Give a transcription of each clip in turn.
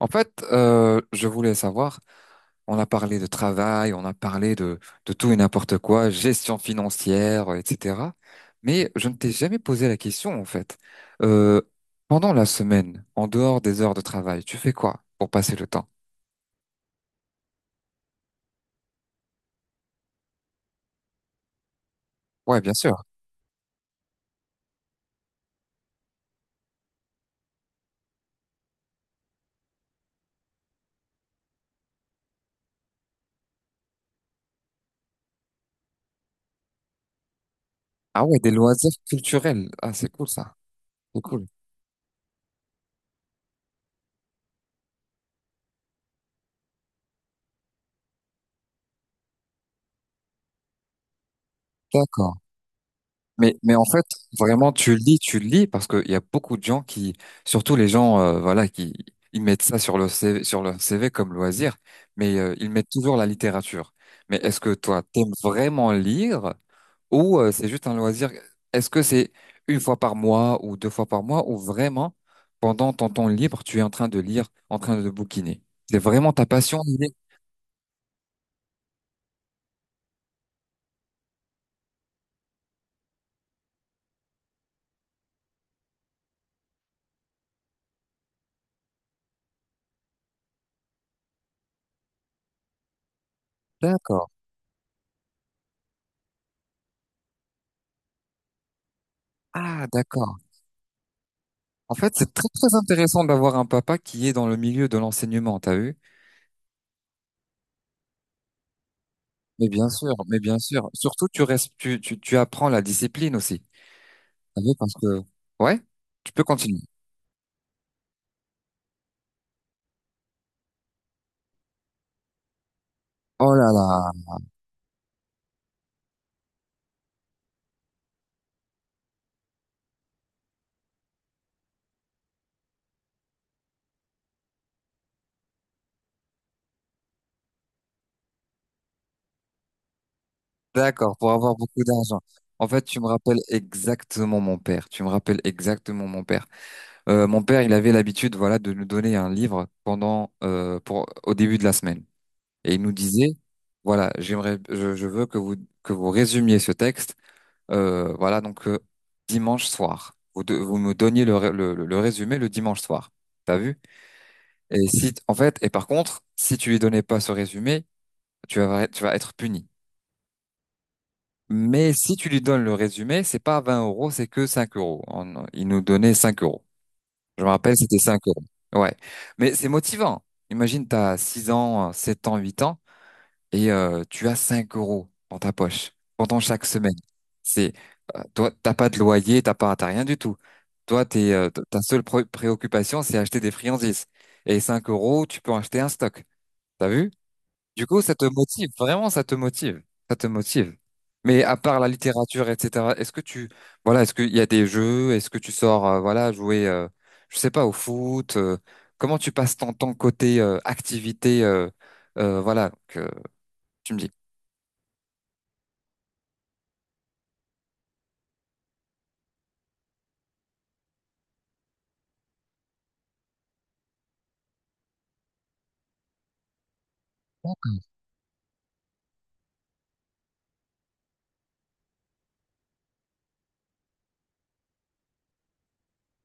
En fait, je voulais savoir, on a parlé de travail, on a parlé de tout et n'importe quoi, gestion financière, etc. Mais je ne t'ai jamais posé la question, en fait. Euh, Pendant la semaine, en dehors des heures de travail, tu fais quoi pour passer le temps? Ouais, bien sûr. Ah ouais, des loisirs culturels. Ah, c'est cool ça. C'est cool. D'accord. Mais en fait, vraiment, tu le lis, parce qu'il y a beaucoup de gens qui, surtout les gens, voilà, qui ils mettent ça sur leur CV, sur leur CV comme loisir, mais ils mettent toujours la littérature. Mais est-ce que toi, t'aimes vraiment lire ou c'est juste un loisir? Est-ce que c'est une fois par mois ou deux fois par mois ou vraiment, pendant ton temps libre, tu es en train de lire, en train de bouquiner? C'est vraiment ta passion de lire? D'accord. Ah, d'accord. En fait, c'est très, très intéressant d'avoir un papa qui est dans le milieu de l'enseignement, t'as vu? Mais bien sûr, mais bien sûr. Surtout, tu restes, tu apprends la discipline aussi. T'as vu, parce que, ouais, tu peux continuer. Oh là là. D'accord, pour avoir beaucoup d'argent. En fait, tu me rappelles exactement mon père. Tu me rappelles exactement mon père. Mon père, il avait l'habitude, voilà, de nous donner un livre pendant, pour, au début de la semaine. Et il nous disait, voilà, j'aimerais, je veux que vous résumiez ce texte, voilà, donc, dimanche soir. Vous, vous me donniez le résumé le dimanche soir. T'as vu? Et si, en fait, et par contre, si tu lui donnais pas ce résumé, tu vas être puni. Mais si tu lui donnes le résumé, c'est pas 20 euros, c'est que cinq euros. Il nous donnait 5 euros. Je me rappelle, c'était 5 euros. Ouais. Mais c'est motivant. Imagine, t'as 6 ans, 7 ans, 8 ans, et tu as 5 € dans ta poche pendant chaque semaine. C'est, toi, t'as pas de loyer, t'as rien du tout. Toi, t'es, ta seule préoccupation, c'est acheter des friandises. Et 5 euros, tu peux acheter un stock. T'as vu? Du coup, ça te motive, vraiment, ça te motive, ça te motive. Mais à part la littérature, etc., est-ce que tu, voilà, est-ce qu'il y a des jeux, est-ce que tu sors, voilà, jouer, je sais pas, au foot, comment tu passes ton temps côté activité, voilà, que tu me dis. D'accord,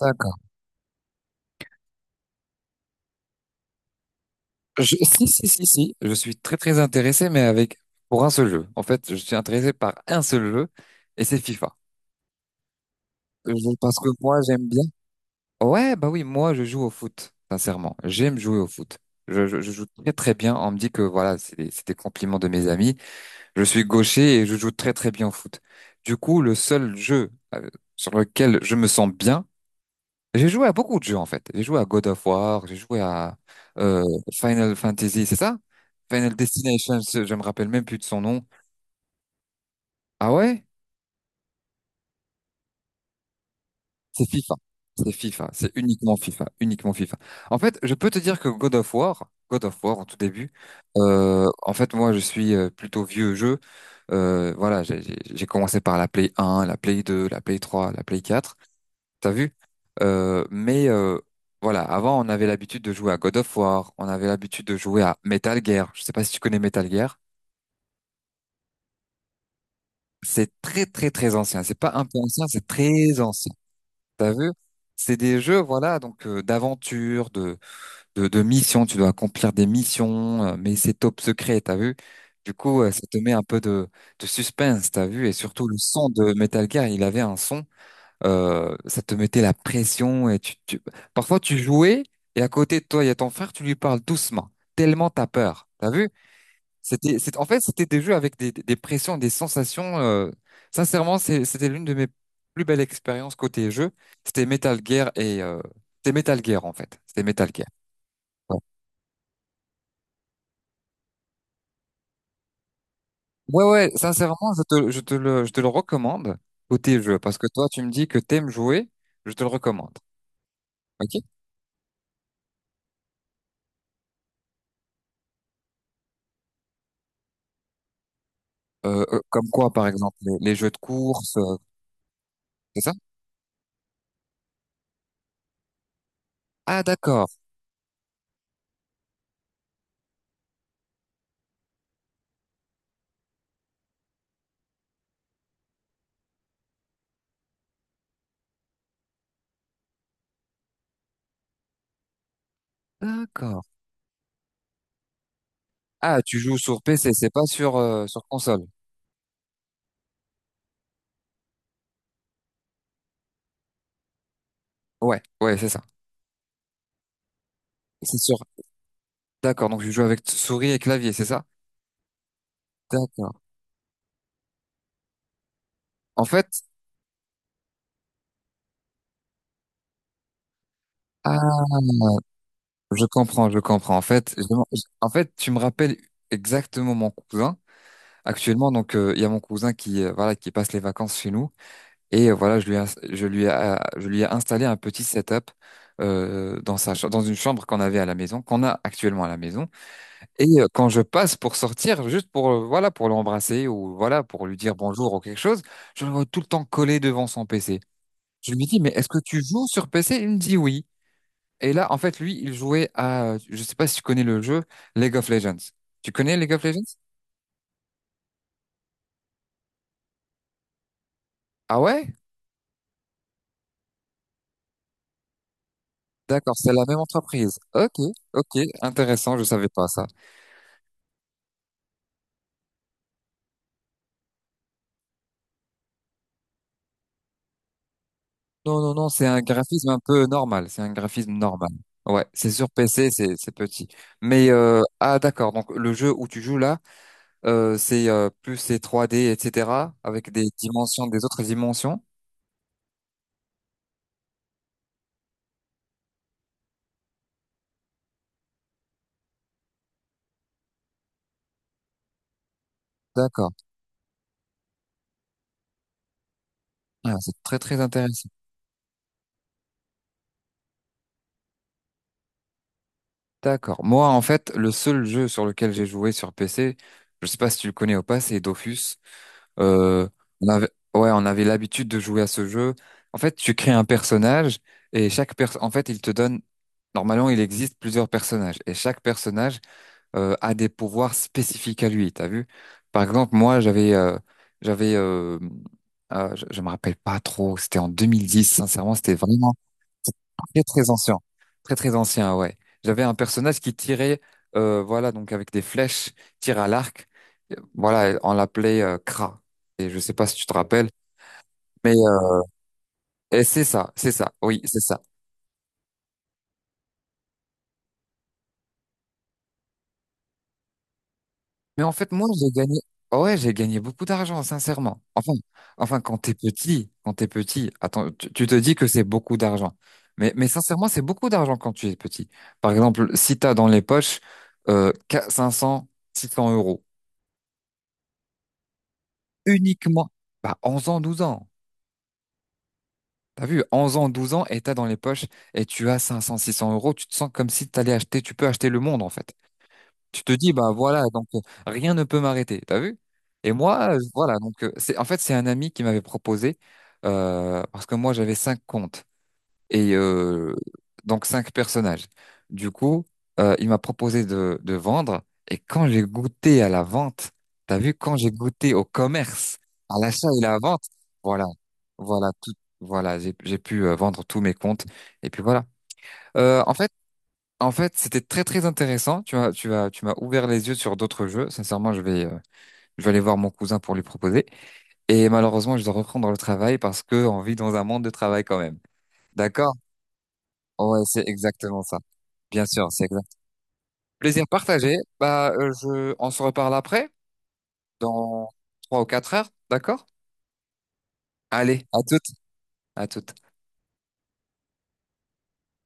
d'accord. Si, si, si, si, je suis très, très intéressé, mais pour un seul jeu. En fait, je suis intéressé par un seul jeu, et c'est FIFA. Parce que moi, j'aime bien. Ouais, bah oui, moi je joue au foot, sincèrement. J'aime jouer au foot. Je joue très très bien. On me dit que voilà, c'est des compliments de mes amis. Je suis gaucher et je joue très très bien au foot. Du coup, le seul jeu sur lequel je me sens bien, j'ai joué à beaucoup de jeux en fait. J'ai joué à God of War, j'ai joué à euh, Final Fantasy, c'est ça? Final Destination, je me rappelle même plus de son nom. Ah ouais? C'est FIFA. C'est FIFA. C'est uniquement FIFA. Uniquement FIFA. En fait, je peux te dire que God of War en tout début, en fait, moi, je suis plutôt vieux jeu. Voilà, j'ai commencé par la Play 1, la Play 2, la Play 3, la Play 4. T'as vu? Mais voilà, avant, on avait l'habitude de jouer à God of War. On avait l'habitude de jouer à Metal Gear. Je sais pas si tu connais Metal Gear. C'est très, très, très ancien. C'est pas un peu ancien, c'est très ancien. T'as vu? C'est des jeux, voilà, donc d'aventure, de missions, tu dois accomplir des missions, mais c'est top secret, t'as vu? Du coup, ça te met un peu de suspense, t'as vu? Et surtout, le son de Metal Gear, il avait un son, ça te mettait la pression et parfois, tu jouais et à côté de toi, il y a ton frère, tu lui parles doucement, tellement t'as peur, t'as vu? C'était, c'est, en fait, c'était des jeux avec des, des pressions, des sensations. Sincèrement, c'était l'une de mes plus belles expériences côté jeu. C'était Metal Gear et... C'était Metal Gear, en fait. C'était Metal Gear. Ouais, ouais, sincèrement, je te le recommande, côté jeu, parce que toi, tu me dis que t'aimes jouer, je te le recommande. Ok? Comme quoi, par exemple, les jeux de course, c'est ça? Ah, d'accord, d'accord. Ah, tu joues sur PC, c'est pas sur, sur console. Ouais, ouais, c'est ça. C'est sûr. D'accord, donc je joue avec souris et clavier, c'est ça? D'accord. En fait, ah, je comprends, je comprends. En fait, en fait, tu me rappelles exactement mon cousin. Actuellement, donc, il y a mon cousin qui, voilà, qui passe les vacances chez nous et voilà, je lui ai installé un petit setup dans dans une chambre qu'on avait à la maison, qu'on a actuellement à la maison. Et quand je passe pour sortir, juste pour, voilà, pour l'embrasser ou voilà, pour lui dire bonjour ou quelque chose, je le vois tout le temps collé devant son PC. Je lui dis, mais est-ce que tu joues sur PC? Il me dit oui. Et là, en fait, lui, il jouait à, je sais pas si tu connais le jeu League of Legends. Tu connais League of Legends? Ah ouais? D'accord, c'est la même entreprise. Ok, ok, intéressant, je savais pas ça. Non, non, non, c'est un graphisme un peu normal, c'est un graphisme normal. Ouais, c'est sur PC, c'est petit. Mais ah d'accord, donc le jeu où tu joues là, c'est plus c'est 3D, etc. avec des dimensions, des autres dimensions. D'accord. Ah, c'est très très intéressant. D'accord. Moi, en fait, le seul jeu sur lequel j'ai joué sur PC, je sais pas si tu le connais ou pas, c'est Dofus. Euh, on avait, ouais, on avait l'habitude de jouer à ce jeu. En fait, tu crées un personnage et chaque personne, en fait, il te donne. Normalement, il existe plusieurs personnages et chaque personnage a des pouvoirs spécifiques à lui. T'as vu? Par exemple, moi, j'avais, euh, je me rappelle pas trop. C'était en 2010. Sincèrement, c'était vraiment c'est très très ancien. Très très ancien, ouais. J'avais un personnage qui tirait, voilà, donc avec des flèches, tire à l'arc. Voilà, on l'appelait Kra. Et je sais pas si tu te rappelles, mais et c'est ça, oui, c'est ça. Mais en fait, moi, j'ai gagné, ah ouais, j'ai gagné beaucoup d'argent, sincèrement. Enfin, quand t'es petit, attends, tu te dis que c'est beaucoup d'argent. Mais sincèrement, c'est beaucoup d'argent quand tu es petit. Par exemple, si t'as dans les poches euh, 500, 600 euros. Uniquement, bah, 11 ans, 12 ans. T'as vu, 11 ans, 12 ans, et t'as dans les poches, et tu as cinq cents six cents euros, tu te sens comme si t'allais acheter, tu peux acheter le monde, en fait. Tu te dis, bah voilà, donc rien ne peut m'arrêter, t'as vu? Et moi, voilà, donc en fait, c'est un ami qui m'avait proposé, parce que moi, j'avais 5 comptes. Et donc cinq personnages. Du coup, il m'a proposé de vendre. Et quand j'ai goûté à la vente, t'as vu, quand j'ai goûté au commerce, à l'achat et la vente, voilà, voilà tout, voilà, j'ai pu vendre tous mes comptes. Et puis voilà. Euh, en fait, en fait, c'était très très intéressant. Tu m'as ouvert les yeux sur d'autres jeux. Sincèrement, je vais aller voir mon cousin pour lui proposer. Et malheureusement, je dois reprendre le travail parce que on vit dans un monde de travail quand même. D'accord? Ouais, c'est exactement ça. Bien sûr, c'est exact. Plaisir partagé. Bah, on se reparle après, dans 3 ou 4 heures, d'accord? Allez, à toutes, à toutes.